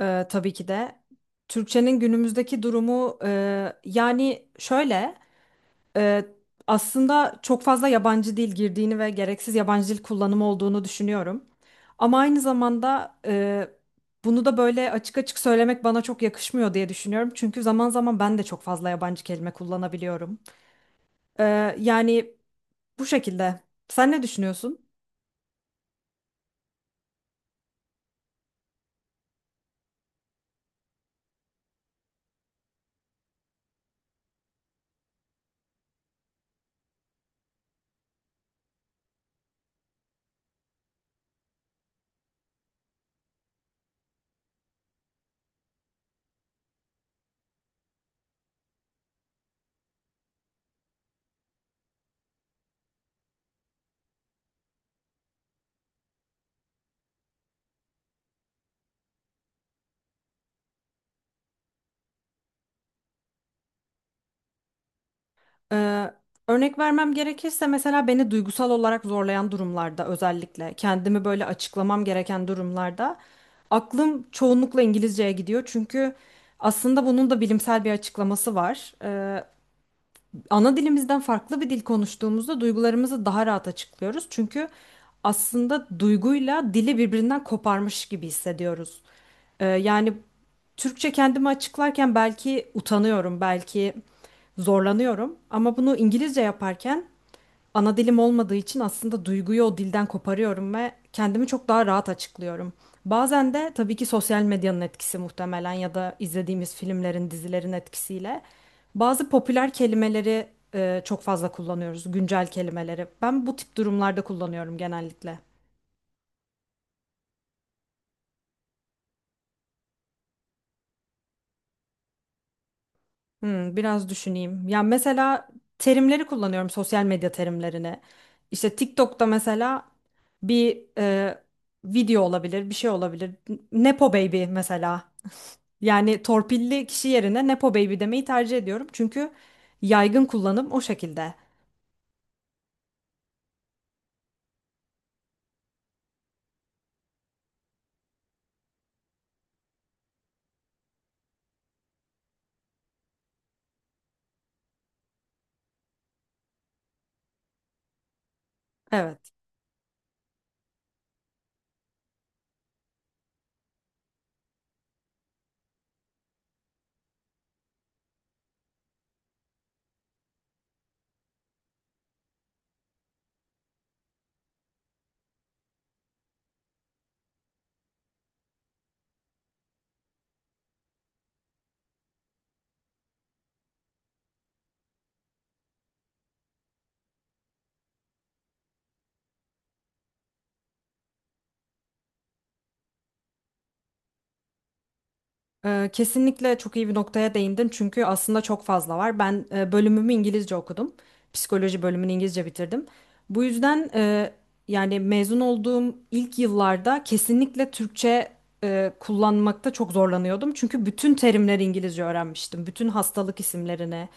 Tabii ki de. Türkçenin günümüzdeki durumu yani şöyle e, aslında çok fazla yabancı dil girdiğini ve gereksiz yabancı dil kullanımı olduğunu düşünüyorum. Ama aynı zamanda bunu da böyle açık açık söylemek bana çok yakışmıyor diye düşünüyorum. Çünkü zaman zaman ben de çok fazla yabancı kelime kullanabiliyorum. Yani bu şekilde. Sen ne düşünüyorsun? Ee, Örnek vermem gerekirse mesela beni duygusal olarak zorlayan durumlarda özellikle kendimi böyle açıklamam gereken durumlarda aklım çoğunlukla İngilizceye gidiyor. Çünkü aslında bunun da bilimsel bir açıklaması var, ana dilimizden farklı bir dil konuştuğumuzda duygularımızı daha rahat açıklıyoruz. Çünkü aslında duyguyla dili birbirinden koparmış gibi hissediyoruz. Yani Türkçe kendimi açıklarken belki utanıyorum, belki zorlanıyorum ama bunu İngilizce yaparken ana dilim olmadığı için aslında duyguyu o dilden koparıyorum ve kendimi çok daha rahat açıklıyorum. Bazen de tabii ki sosyal medyanın etkisi muhtemelen ya da izlediğimiz filmlerin, dizilerin etkisiyle bazı popüler kelimeleri çok fazla kullanıyoruz, güncel kelimeleri. Ben bu tip durumlarda kullanıyorum genellikle. Hmm, biraz düşüneyim. Ya mesela terimleri kullanıyorum, sosyal medya terimlerini. İşte TikTok'ta mesela bir video olabilir, bir şey olabilir. Nepo Baby mesela. Yani torpilli kişi yerine Nepo Baby demeyi tercih ediyorum. Çünkü yaygın kullanım o şekilde. Evet. Kesinlikle çok iyi bir noktaya değindin. Çünkü aslında çok fazla var. Ben bölümümü İngilizce okudum. Psikoloji bölümünü İngilizce bitirdim. Bu yüzden yani mezun olduğum ilk yıllarda kesinlikle Türkçe kullanmakta çok zorlanıyordum. Çünkü bütün terimleri İngilizce öğrenmiştim. Bütün hastalık isimlerini.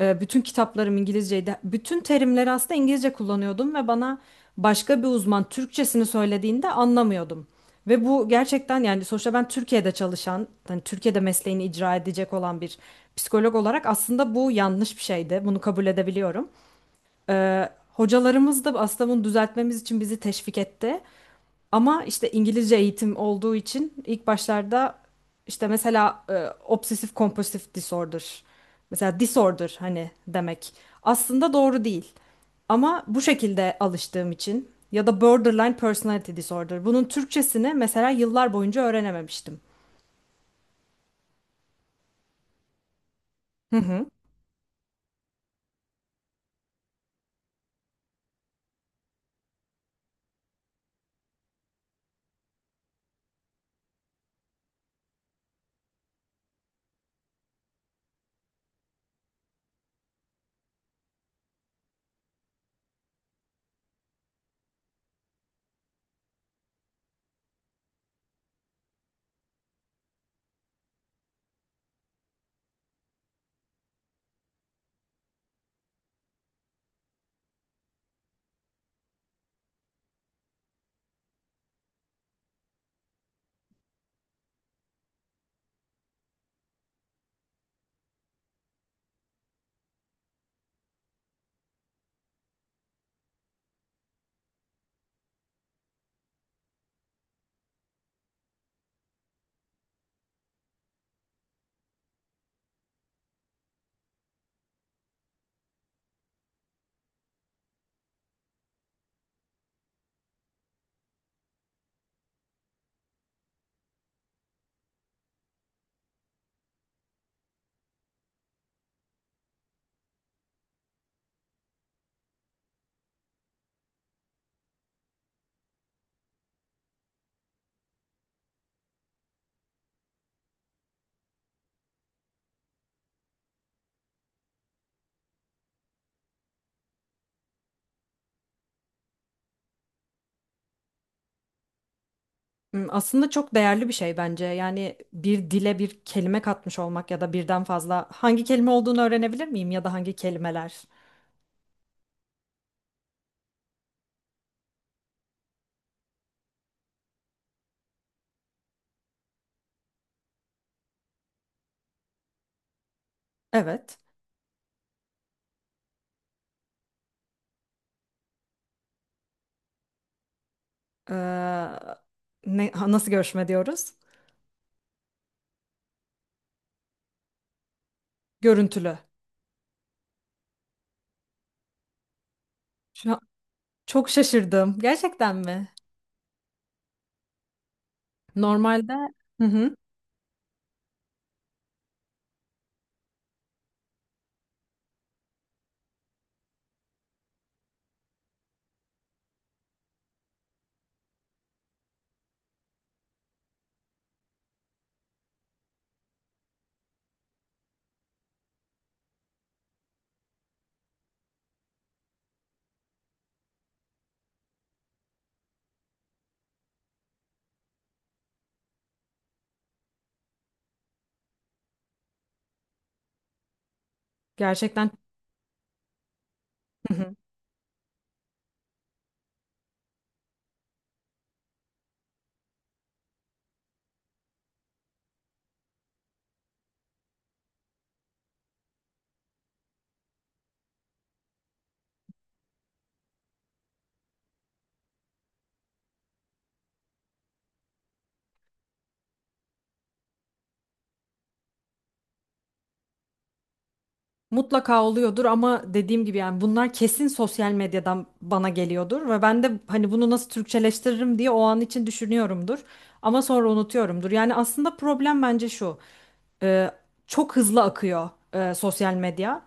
Bütün kitaplarım İngilizceydi. Bütün terimleri aslında İngilizce kullanıyordum ve bana başka bir uzman Türkçesini söylediğinde anlamıyordum. Ve bu gerçekten, yani sonuçta ben Türkiye'de çalışan, hani Türkiye'de mesleğini icra edecek olan bir psikolog olarak aslında bu yanlış bir şeydi. Bunu kabul edebiliyorum. Hocalarımız da aslında bunu düzeltmemiz için bizi teşvik etti. Ama işte İngilizce eğitim olduğu için ilk başlarda işte mesela obsesif kompulsif disorder. Mesela disorder hani demek. Aslında doğru değil. Ama bu şekilde alıştığım için ya da borderline personality disorder. Bunun Türkçesini mesela yıllar boyunca öğrenememiştim. Hı hı. Hmm, aslında çok değerli bir şey bence. Yani bir dile bir kelime katmış olmak ya da birden fazla hangi kelime olduğunu öğrenebilir miyim ya da hangi kelimeler? Evet. Ee, nasıl görüşme diyoruz? Görüntülü. Şu an çok şaşırdım. Gerçekten mi? Normalde hı hı, gerçekten hı hı. Mutlaka oluyordur ama dediğim gibi yani bunlar kesin sosyal medyadan bana geliyordur ve ben de hani bunu nasıl Türkçeleştiririm diye o an için düşünüyorumdur ama sonra unutuyorumdur. Yani aslında problem bence şu. e, Çok hızlı akıyor sosyal medya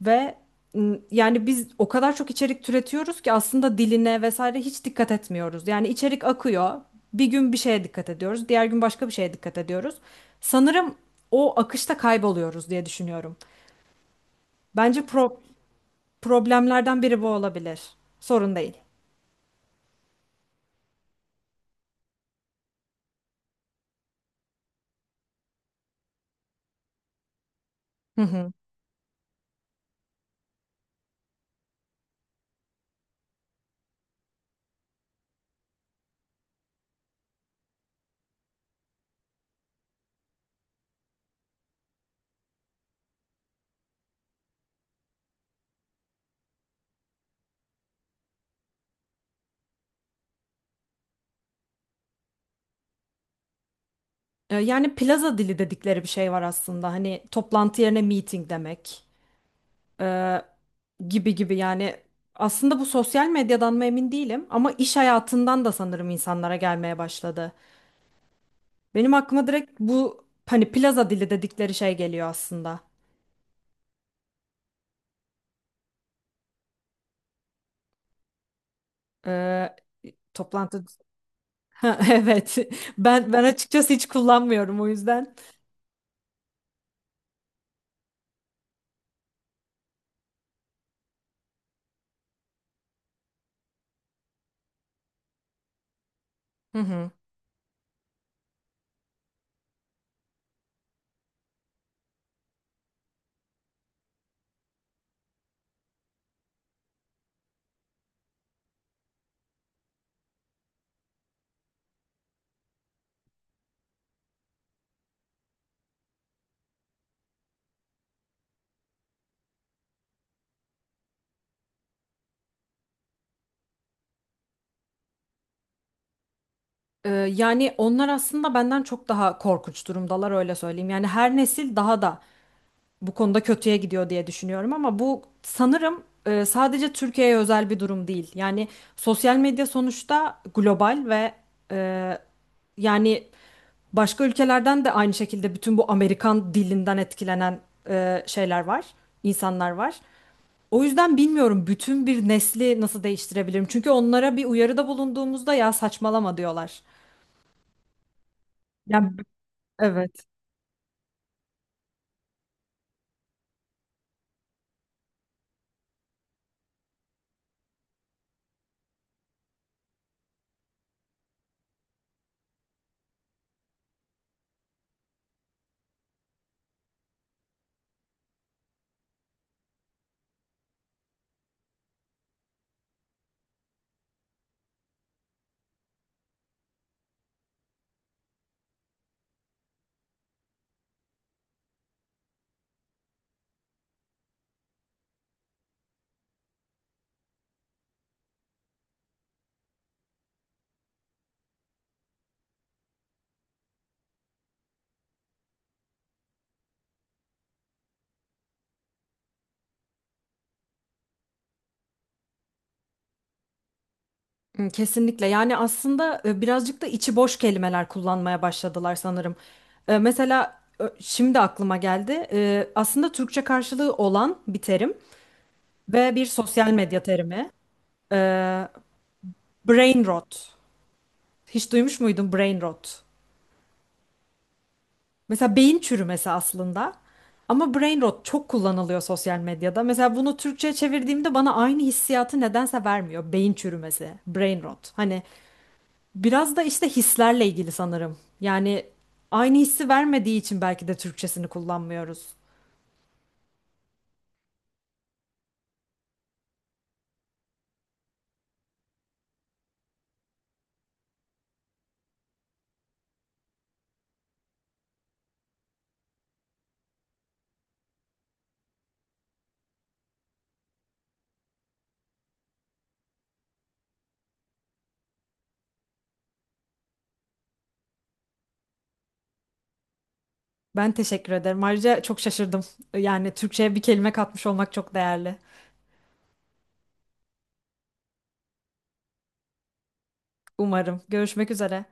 ve yani biz o kadar çok içerik türetiyoruz ki aslında diline vesaire hiç dikkat etmiyoruz. Yani içerik akıyor. Bir gün bir şeye dikkat ediyoruz, diğer gün başka bir şeye dikkat ediyoruz. Sanırım o akışta kayboluyoruz diye düşünüyorum. Bence problemlerden biri bu olabilir. Sorun değil. Hı hı. Yani plaza dili dedikleri bir şey var aslında. Hani toplantı yerine meeting demek. Ee, gibi gibi yani aslında bu sosyal medyadan mı emin değilim ama iş hayatından da sanırım insanlara gelmeye başladı. Benim aklıma direkt bu hani plaza dili dedikleri şey geliyor aslında. Ee, Toplantı Ha, evet ben açıkçası hiç kullanmıyorum o yüzden. Hı hı. Yani onlar aslında benden çok daha korkunç durumdalar, öyle söyleyeyim. Yani her nesil daha da bu konuda kötüye gidiyor diye düşünüyorum ama bu sanırım sadece Türkiye'ye özel bir durum değil. Yani sosyal medya sonuçta global ve e, yani başka ülkelerden de aynı şekilde bütün bu Amerikan dilinden etkilenen şeyler var, insanlar var. O yüzden bilmiyorum bütün bir nesli nasıl değiştirebilirim. Çünkü onlara bir uyarıda bulunduğumuzda ya saçmalama diyorlar. Yani evet. Hı, kesinlikle. Yani aslında birazcık da içi boş kelimeler kullanmaya başladılar sanırım. Mesela şimdi aklıma geldi. Aslında Türkçe karşılığı olan bir terim ve bir sosyal medya terimi. E, Brain rot. Hiç duymuş muydun brain rot? Mesela beyin çürümesi aslında. Ama brain rot çok kullanılıyor sosyal medyada. Mesela bunu Türkçe'ye çevirdiğimde bana aynı hissiyatı nedense vermiyor. Beyin çürümesi, brain rot. Hani biraz da işte hislerle ilgili sanırım. Yani aynı hissi vermediği için belki de Türkçesini kullanmıyoruz. Ben teşekkür ederim. Ayrıca çok şaşırdım. Yani Türkçe'ye bir kelime katmış olmak çok değerli. Umarım. Görüşmek üzere.